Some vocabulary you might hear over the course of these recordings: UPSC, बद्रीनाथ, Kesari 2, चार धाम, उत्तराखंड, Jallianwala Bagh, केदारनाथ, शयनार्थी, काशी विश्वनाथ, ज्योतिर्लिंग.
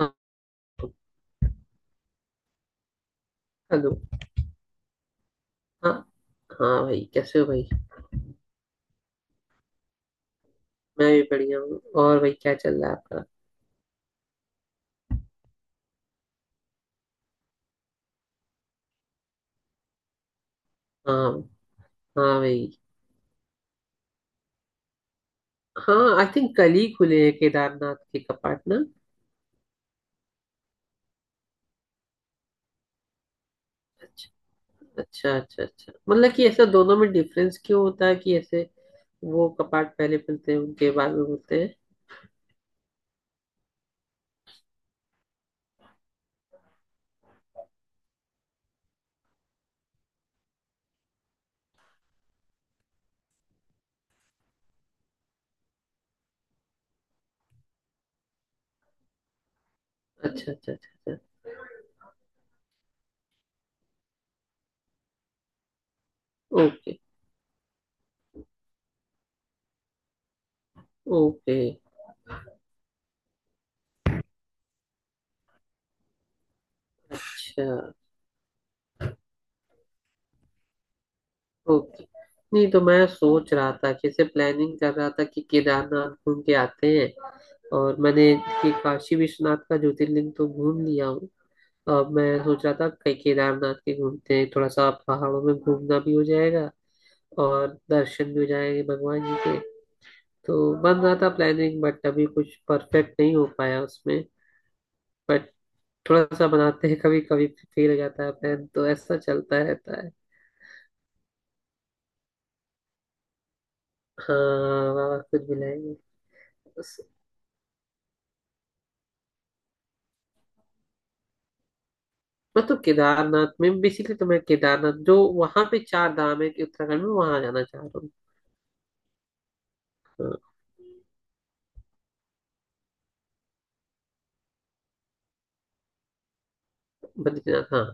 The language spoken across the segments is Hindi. हाँ। हेलो। हाँ। हाँ भाई, कैसे हो भाई? मैं भी बढ़िया हूँ। और भाई, क्या चल रहा है आपका? हाँ, हाँ भाई। हाँ, आई थिंक कल ही खुले हैं केदारनाथ के कपाट ना? अच्छा, अच्छा, अच्छा। अच्छा मतलब कि ऐसा दोनों में डिफरेंस क्यों होता है कि ऐसे वो कपाट पहले खुलते हैं, उनके बाद में खुलते हैं? अच्छा, अच्छा, अच्छा, अच्छा। Okay, okay. अच्छा। ओके। नहीं तो मैं सोच रहा था कि ऐसे प्लानिंग कर रहा था कि केदारनाथ घूम के आते हैं। और मैंने, देखिए, काशी विश्वनाथ का ज्योतिर्लिंग तो घूम लिया हूँ। अब मैं सोच रहा था कहीं केदारनाथ के घूमते हैं, थोड़ा सा पहाड़ों में घूमना भी हो जाएगा और दर्शन भी हो जाएंगे भगवान जी के। तो बन रहा था प्लानिंग, बट अभी कुछ परफेक्ट नहीं हो पाया उसमें। बट थोड़ा सा बनाते हैं, कभी कभी फेल हो जाता है प्लान, तो ऐसा चलता रहता है। हाँ, वाह, कुछ भी लाएंगे। बस, मैं तो केदारनाथ में बेसिकली, तो मैं केदारनाथ जो वहां पे चार धाम है कि उत्तराखंड में, वहां जाना चाह रहा हूँ। हाँ, बद्रीनाथ, हाँ।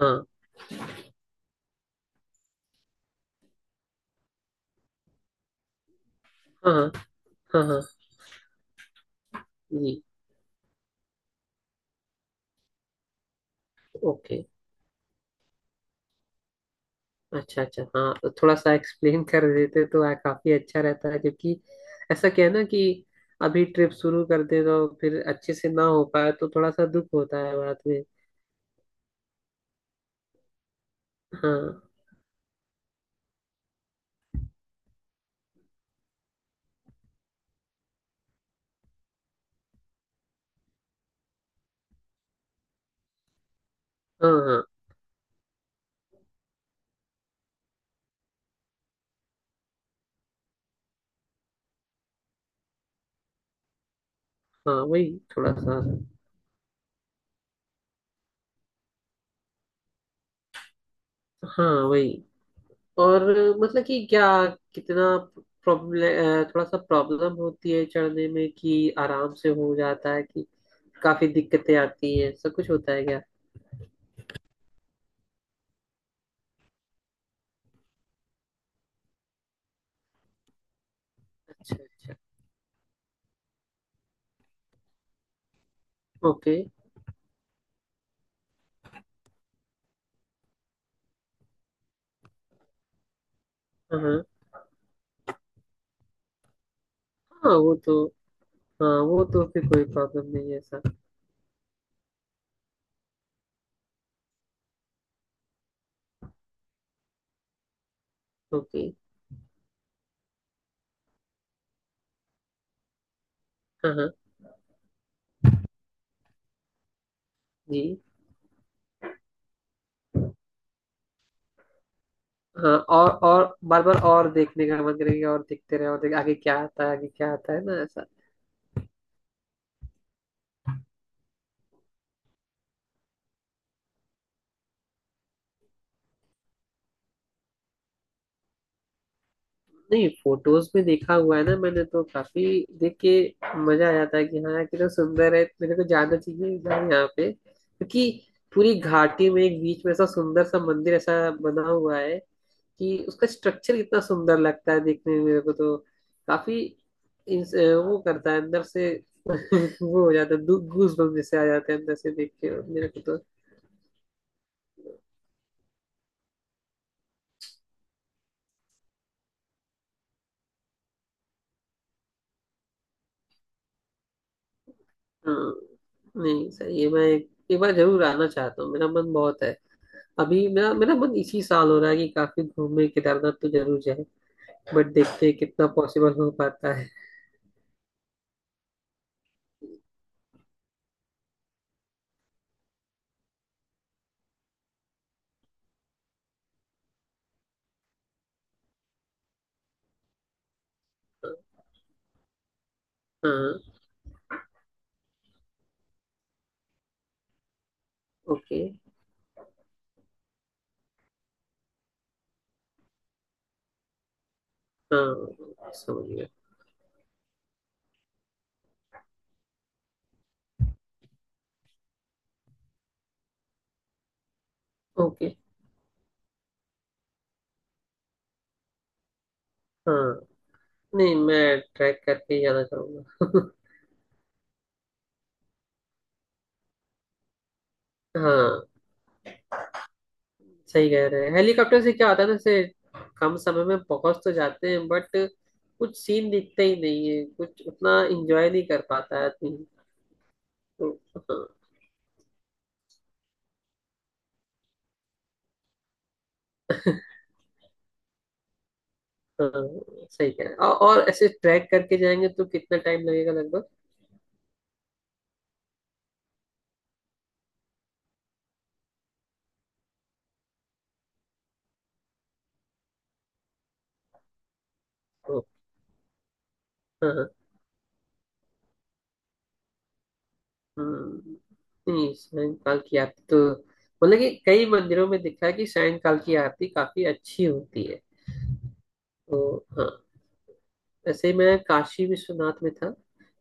हाँ। हाँ। हाँ। हाँ जी। ओके। अच्छा, अच्छा, हाँ तो थोड़ा सा एक्सप्लेन कर देते तो काफी अच्छा रहता है, क्योंकि ऐसा क्या है ना कि अभी ट्रिप शुरू कर दे तो फिर अच्छे से ना हो पाए तो थोड़ा सा दुख होता है बाद में। हाँ। हाँ। हाँ। हाँ, वही थोड़ा सा। हाँ, वही। और मतलब कि क्या, कितना प्रॉब्लम, थोड़ा सा प्रॉब्लम होती है चढ़ने में कि आराम से हो जाता है, कि काफी दिक्कतें आती हैं, ऐसा कुछ होता है क्या? अच्छा, अच्छा। ओके। हाँ। हाँ। हाँ, वो तो। हाँ वो तो फिर कोई प्रॉब्लम नहीं है सर। ओके। हाँ। हाँ जी। हाँ, और बार बार और देखने का मन करेगा, और देखते रहे और देख आगे क्या आता है, आगे क्या आता है ना, ऐसा। नहीं, फोटोज में देखा हुआ है ना मैंने तो काफी। देख के मजा आ जाता है कि हाँ यार कितना सुंदर है, मेरे को जाना चाहिए यार यहाँ पे, क्योंकि पूरी घाटी में एक बीच में ऐसा सुंदर सा मंदिर ऐसा बना हुआ है, कि उसका स्ट्रक्चर इतना सुंदर लगता है देखने में मेरे को तो काफी इंस- वो करता है अंदर से। वो हो जाता है, गूज बम्प जैसे आ जाते हैं अंदर से देख के मेरे को तो। हाँ। नहीं सही है, मैं एक बार जरूर आना चाहता हूँ, मेरा मन बहुत है। अभी मेरा मेरा मन इसी साल हो रहा है कि काफी घूमे, केदारनाथ तो जरूर जाए। बट देखते हैं कितना पॉसिबल हो पाता है। हाँ। ओके। हाँ, समझ गया। ओके। हाँ नहीं, मैं ट्रैक करके ही जाना चाहूंगा। हाँ, सही कह रहे हैं। हेलीकॉप्टर से क्या होता है ना, जैसे कम समय में पहुंच तो जाते हैं, बट कुछ सीन दिखते ही नहीं है, कुछ उतना एंजॉय नहीं कर पाता है आदमी। तो हाँ, हाँ, सही कह रहे हैं। और ऐसे ट्रैक करके जाएंगे तो कितना टाइम लगेगा लगभग? ओ! हाँ। हाँ। हम्म। नहीं, सायंकाल की आरती तो मतलब कि कई मंदिरों में दिखा है कि सायंकाल की आरती काफी अच्छी होती है। तो हाँ। वैसे मैं काशी विश्वनाथ में था,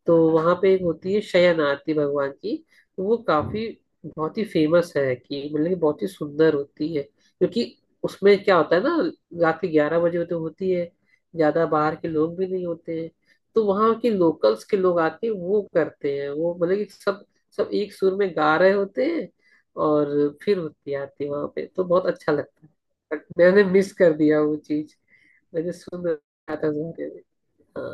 तो वहां पे एक होती है शयनार्थी भगवान की। तो वो काफी बहुत ही फेमस है, कि मतलब कि बहुत ही सुंदर होती है, क्योंकि उसमें क्या होता है ना, रात के 11 बजे तो होती है, ज्यादा बाहर के लोग भी नहीं होते हैं, तो वहाँ के लोकल्स के लोग आके वो करते हैं, वो मतलब कि सब सब एक सुर में गा रहे होते हैं और फिर होती आती है वहां पे, तो बहुत अच्छा लगता है। बट मैंने मिस कर दिया वो चीज। मैंने सुन रहा था उस बारे में। हाँ।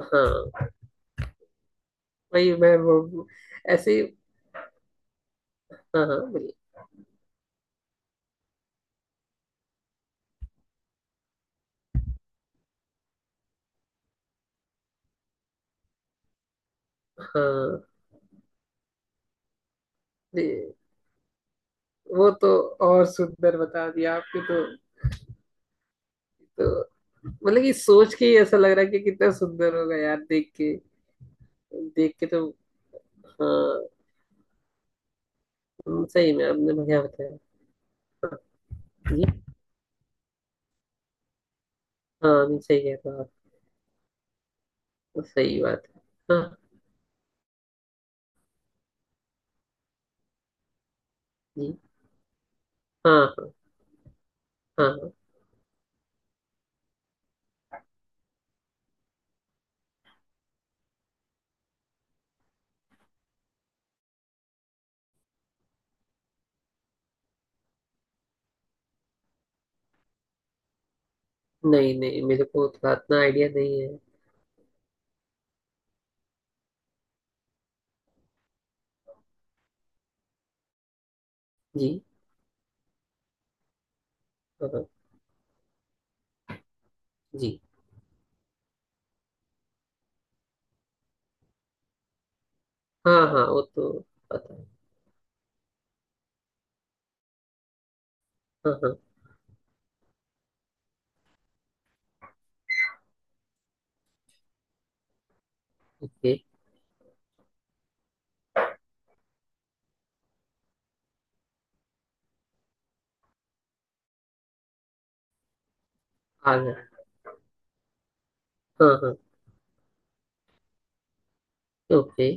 हाँ, वही मैं, वो। ऐसे ही। हाँ। हाँ, बोलिए। हाँ, ये- वो तो। और सुंदर बता दिया आपने। तो मतलब कि सोच के ही ऐसा लग रहा है कि कितना सुंदर होगा यार, देख के, देख के तो। हाँ। सही में आपने बढ़िया बताया। हाँ जी। हाँ नहीं, सही कह रहे हो आप, सही बात है। हाँ जी। हाँ। हाँ। हाँ नहीं नहीं, मेरे को उतना इतना आइडिया नहीं है। जी। हाँ जी। हाँ। हाँ, वो तो पता है। हाँ। हाँ। ओके। आ गया। हाँ। हाँ। ओके।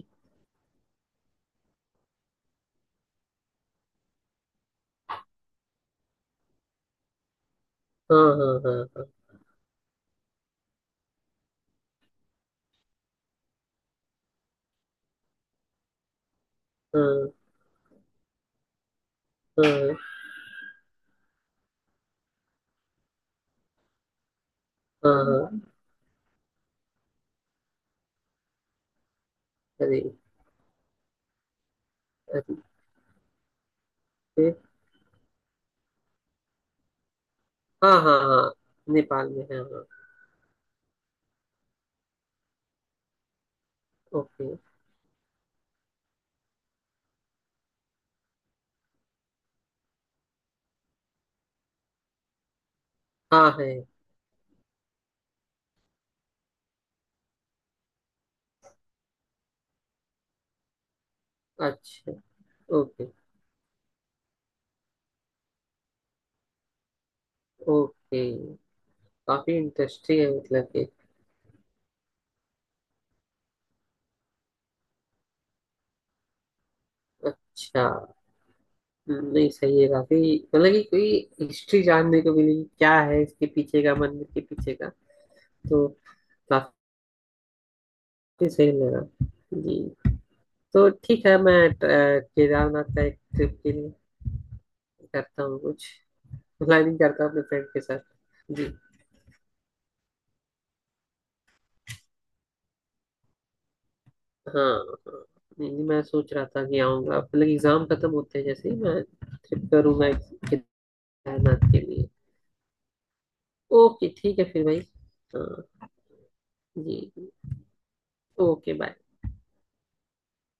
हाँ। हाँ। हाँ। हाँ। हाँ। हाँ। हाँ। हाँ। अरे! अरे! हाँ। हाँ। हाँ, नेपाल में है, हाँ। ओके। हाँ, है। अच्छा। ओके। ओके, काफी इंटरेस्टिंग है, मतलब कि। अच्छा, नहीं सही है, काफी मतलब कि कोई हिस्ट्री जानने को मिली कि क्या है इसके पीछे का, मंदिर के पीछे का। तो काफी सही लगा। जी। तो ठीक है, मैं केदारनाथ का एक ट्रिप के लिए करता हूँ कुछ प्लानिंग, करता हूँ अपने फ्रेंड के साथ। जी। हाँ। हाँ। नहीं नहीं, मैं सोच रहा था कि आऊंगा मतलब, एग्जाम खत्म होते हैं जैसे ही मैं ट्रिप करूंगा केदारनाथ के लिए। ओके, ठीक है फिर भाई। हाँ जी। ओके। बाय।